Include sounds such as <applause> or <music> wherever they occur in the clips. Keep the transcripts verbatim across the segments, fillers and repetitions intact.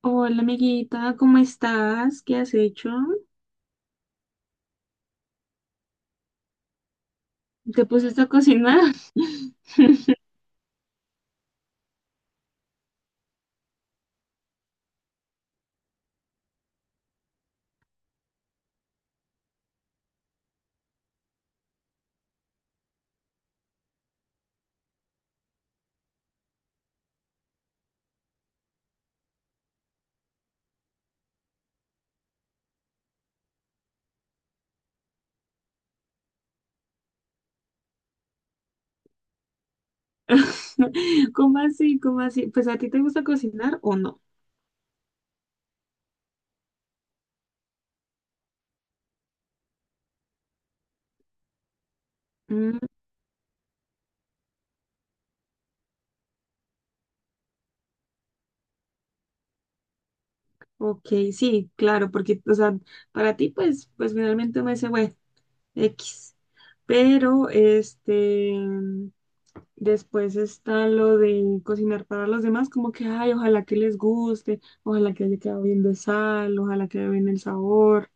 Hola amiguita, ¿cómo estás? ¿Qué has hecho? ¿Te pusiste a cocinar? <laughs> ¿Cómo así? ¿Cómo así? ¿Pues a ti te gusta cocinar o no? Mm, ok, sí, claro, porque, o sea, para ti, pues, pues finalmente me dice, bueno, X. Pero, este, después está lo de cocinar para los demás, como que, ay, ojalá que les guste, ojalá que haya quedado bien de sal, ojalá que haya bien el sabor,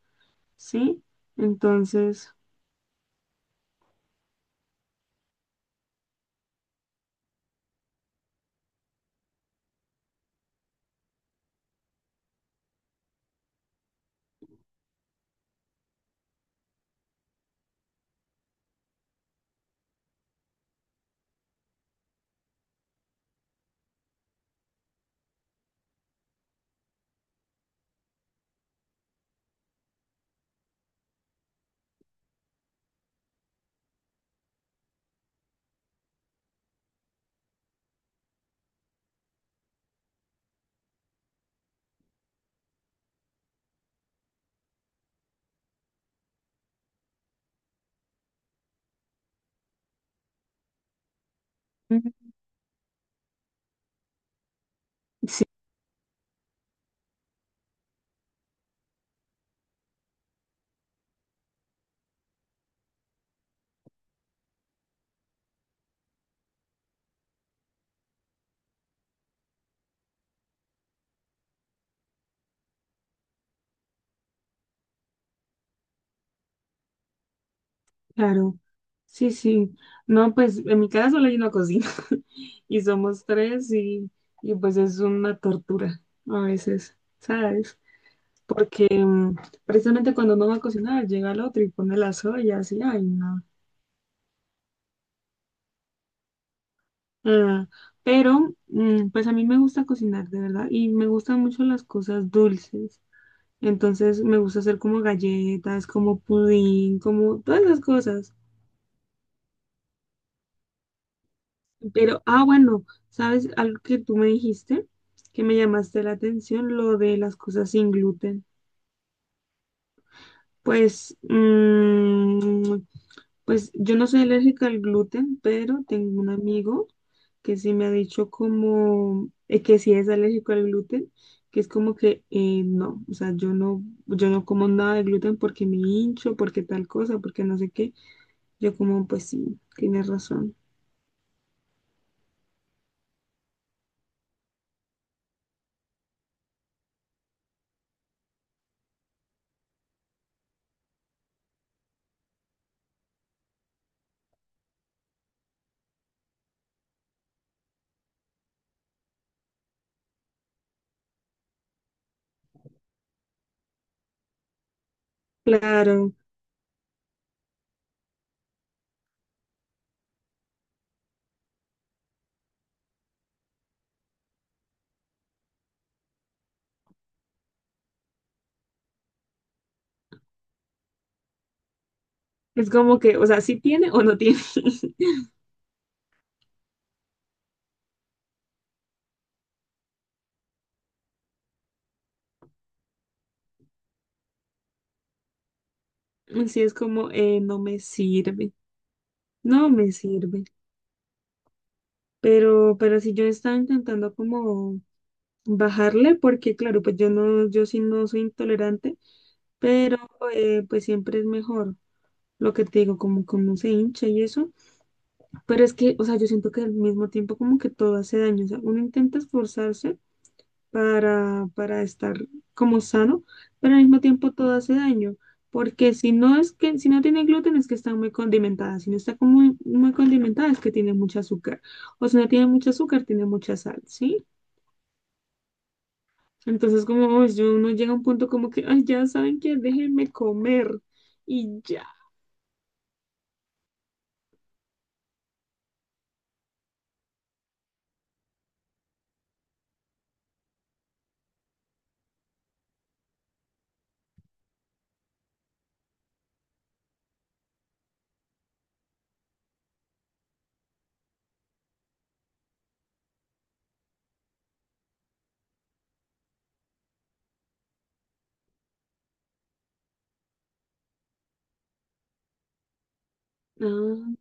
¿sí? Entonces... mm, sí, claro. Sí, sí. No, pues en mi casa solo hay una cocina <laughs> y somos tres y, y pues es una tortura a veces, ¿sabes? Porque mm, precisamente cuando uno va a cocinar llega el otro y pone las ollas y ay, no. Ah, pero mm, pues a mí me gusta cocinar, de verdad, y me gustan mucho las cosas dulces. Entonces me gusta hacer como galletas, como pudín, como todas las cosas. Pero, ah, bueno, ¿sabes algo que tú me dijiste? Que me llamaste la atención, lo de las cosas sin gluten. Pues, mm, pues yo no soy alérgica al gluten, pero tengo un amigo que sí me ha dicho como eh, que sí es alérgico al gluten, que es como que eh, no, o sea, yo no, yo no como nada de gluten porque me hincho, porque tal cosa, porque no sé qué. Yo como, pues sí, tienes razón. Claro, es como que, o sea, sí tiene o no tiene. <laughs> Así es como, eh, no me sirve, no me sirve. Pero, pero si yo estaba intentando como bajarle, porque claro, pues yo no, yo sí no soy intolerante, pero eh, pues siempre es mejor lo que te digo, como que uno se hincha y eso. Pero es que, o sea, yo siento que al mismo tiempo como que todo hace daño. O sea, uno intenta esforzarse, para, para estar como sano, pero al mismo tiempo todo hace daño, porque si no es que, si no tiene gluten es que está muy condimentada, si no está como muy, muy condimentada es que tiene mucho azúcar, o si no tiene mucho azúcar, tiene mucha sal, ¿sí? Entonces como uy, yo, uno llega a un punto como que, ay, ya saben que déjenme comer y ya. Ah,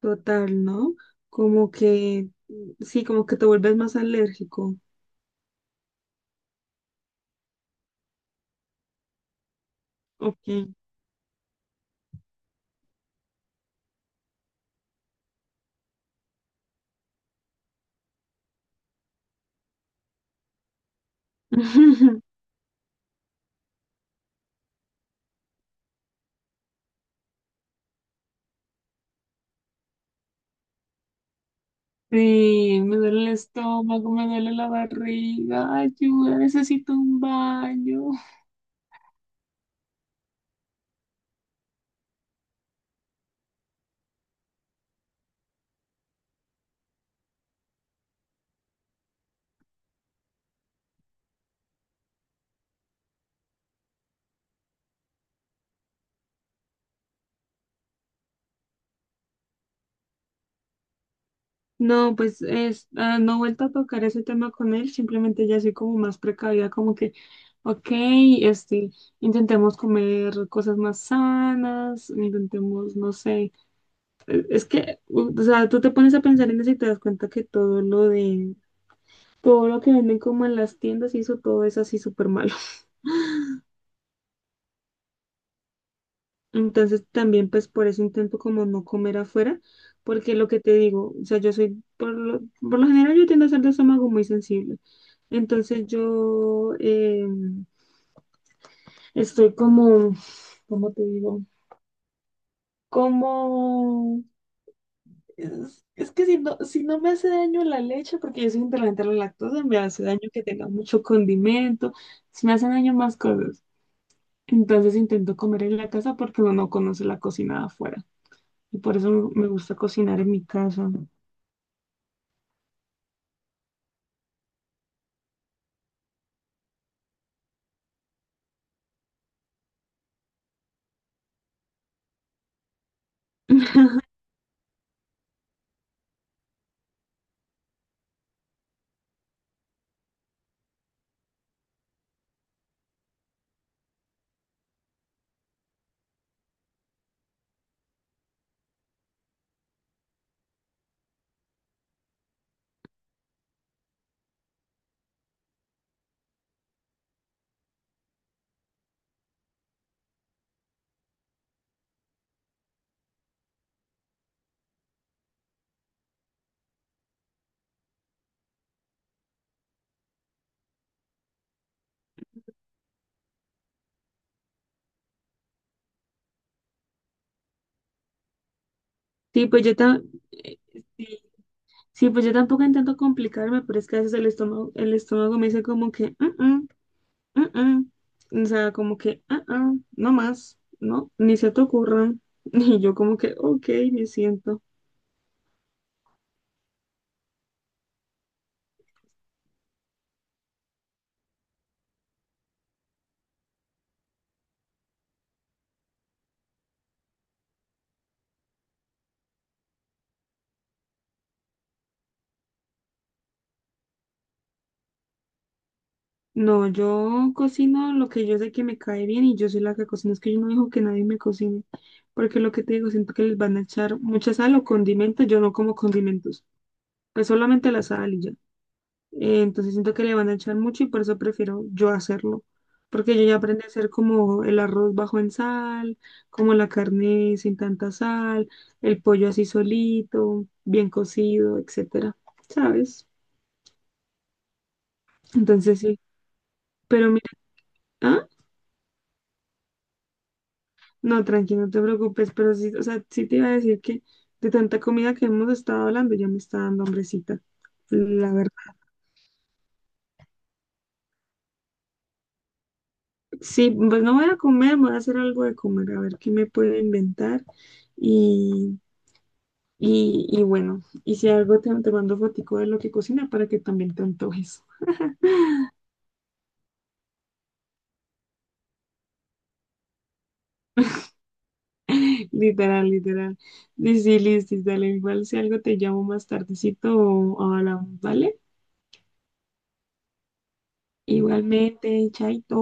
total, ¿no? Como que, sí, como que te vuelves más alérgico. Ok. <laughs> Sí, me duele el estómago, me duele la barriga, ayuda, necesito un baño. No, pues es, ah, no he vuelto a tocar ese tema con él, simplemente ya soy como más precavida, como que, ok, este, intentemos comer cosas más sanas, intentemos, no sé, eh, es que, u- o sea, tú te pones a pensar en eso y te das cuenta que todo lo de, todo lo que venden como en las tiendas y eso, todo es así súper malo. <laughs> Entonces también pues por eso intento como no comer afuera, porque lo que te digo, o sea, yo soy, por lo, por lo general yo tiendo a ser de estómago muy sensible. Entonces yo eh, estoy como, ¿cómo te digo? Como, es, es que si no, si no me hace daño la leche, porque yo soy intolerante a la lactosa, me hace daño que tenga mucho condimento, si me hacen daño más cosas. Entonces intento comer en la casa porque uno no conoce la cocina de afuera, y por eso me gusta cocinar en mi casa. <laughs> Sí, pues yo ta- eh, sí, sí, pues yo tampoco intento complicarme, pero es que a veces el estómago, el estómago me dice como que, "Mm, mm, mm, mm". O sea, como que, "Ah, ah, no más, no, ni se te ocurra". <laughs> Y yo como que, ok, me siento. No, yo cocino lo que yo sé que me cae bien y yo soy la que cocina. Es que yo no dejo que nadie me cocine, porque lo que te digo, siento que les van a echar mucha sal o condimentos. Yo no como condimentos, pues solamente la sal y ya. Eh, entonces siento que le van a echar mucho y por eso prefiero yo hacerlo. Porque yo ya aprendí a hacer como el arroz bajo en sal, como la carne sin tanta sal, el pollo así solito, bien cocido, etcétera, ¿sabes? Entonces sí. Pero mira, ah, no, tranqui, no te preocupes, pero sí, o sea, sí te iba a decir que de tanta comida que hemos estado hablando ya me está dando hambrecita, la verdad. Sí, pues no voy a comer, voy a hacer algo de comer, a ver qué me puedo inventar. Y Y, y bueno, y si algo te, te mando fotico de lo que cocina para que también te antojes. <laughs> Literal, literal. Sí, sí, listis, dale. Igual si algo te llamo más tardecito o hablamos, ¿vale? Igualmente, chaito.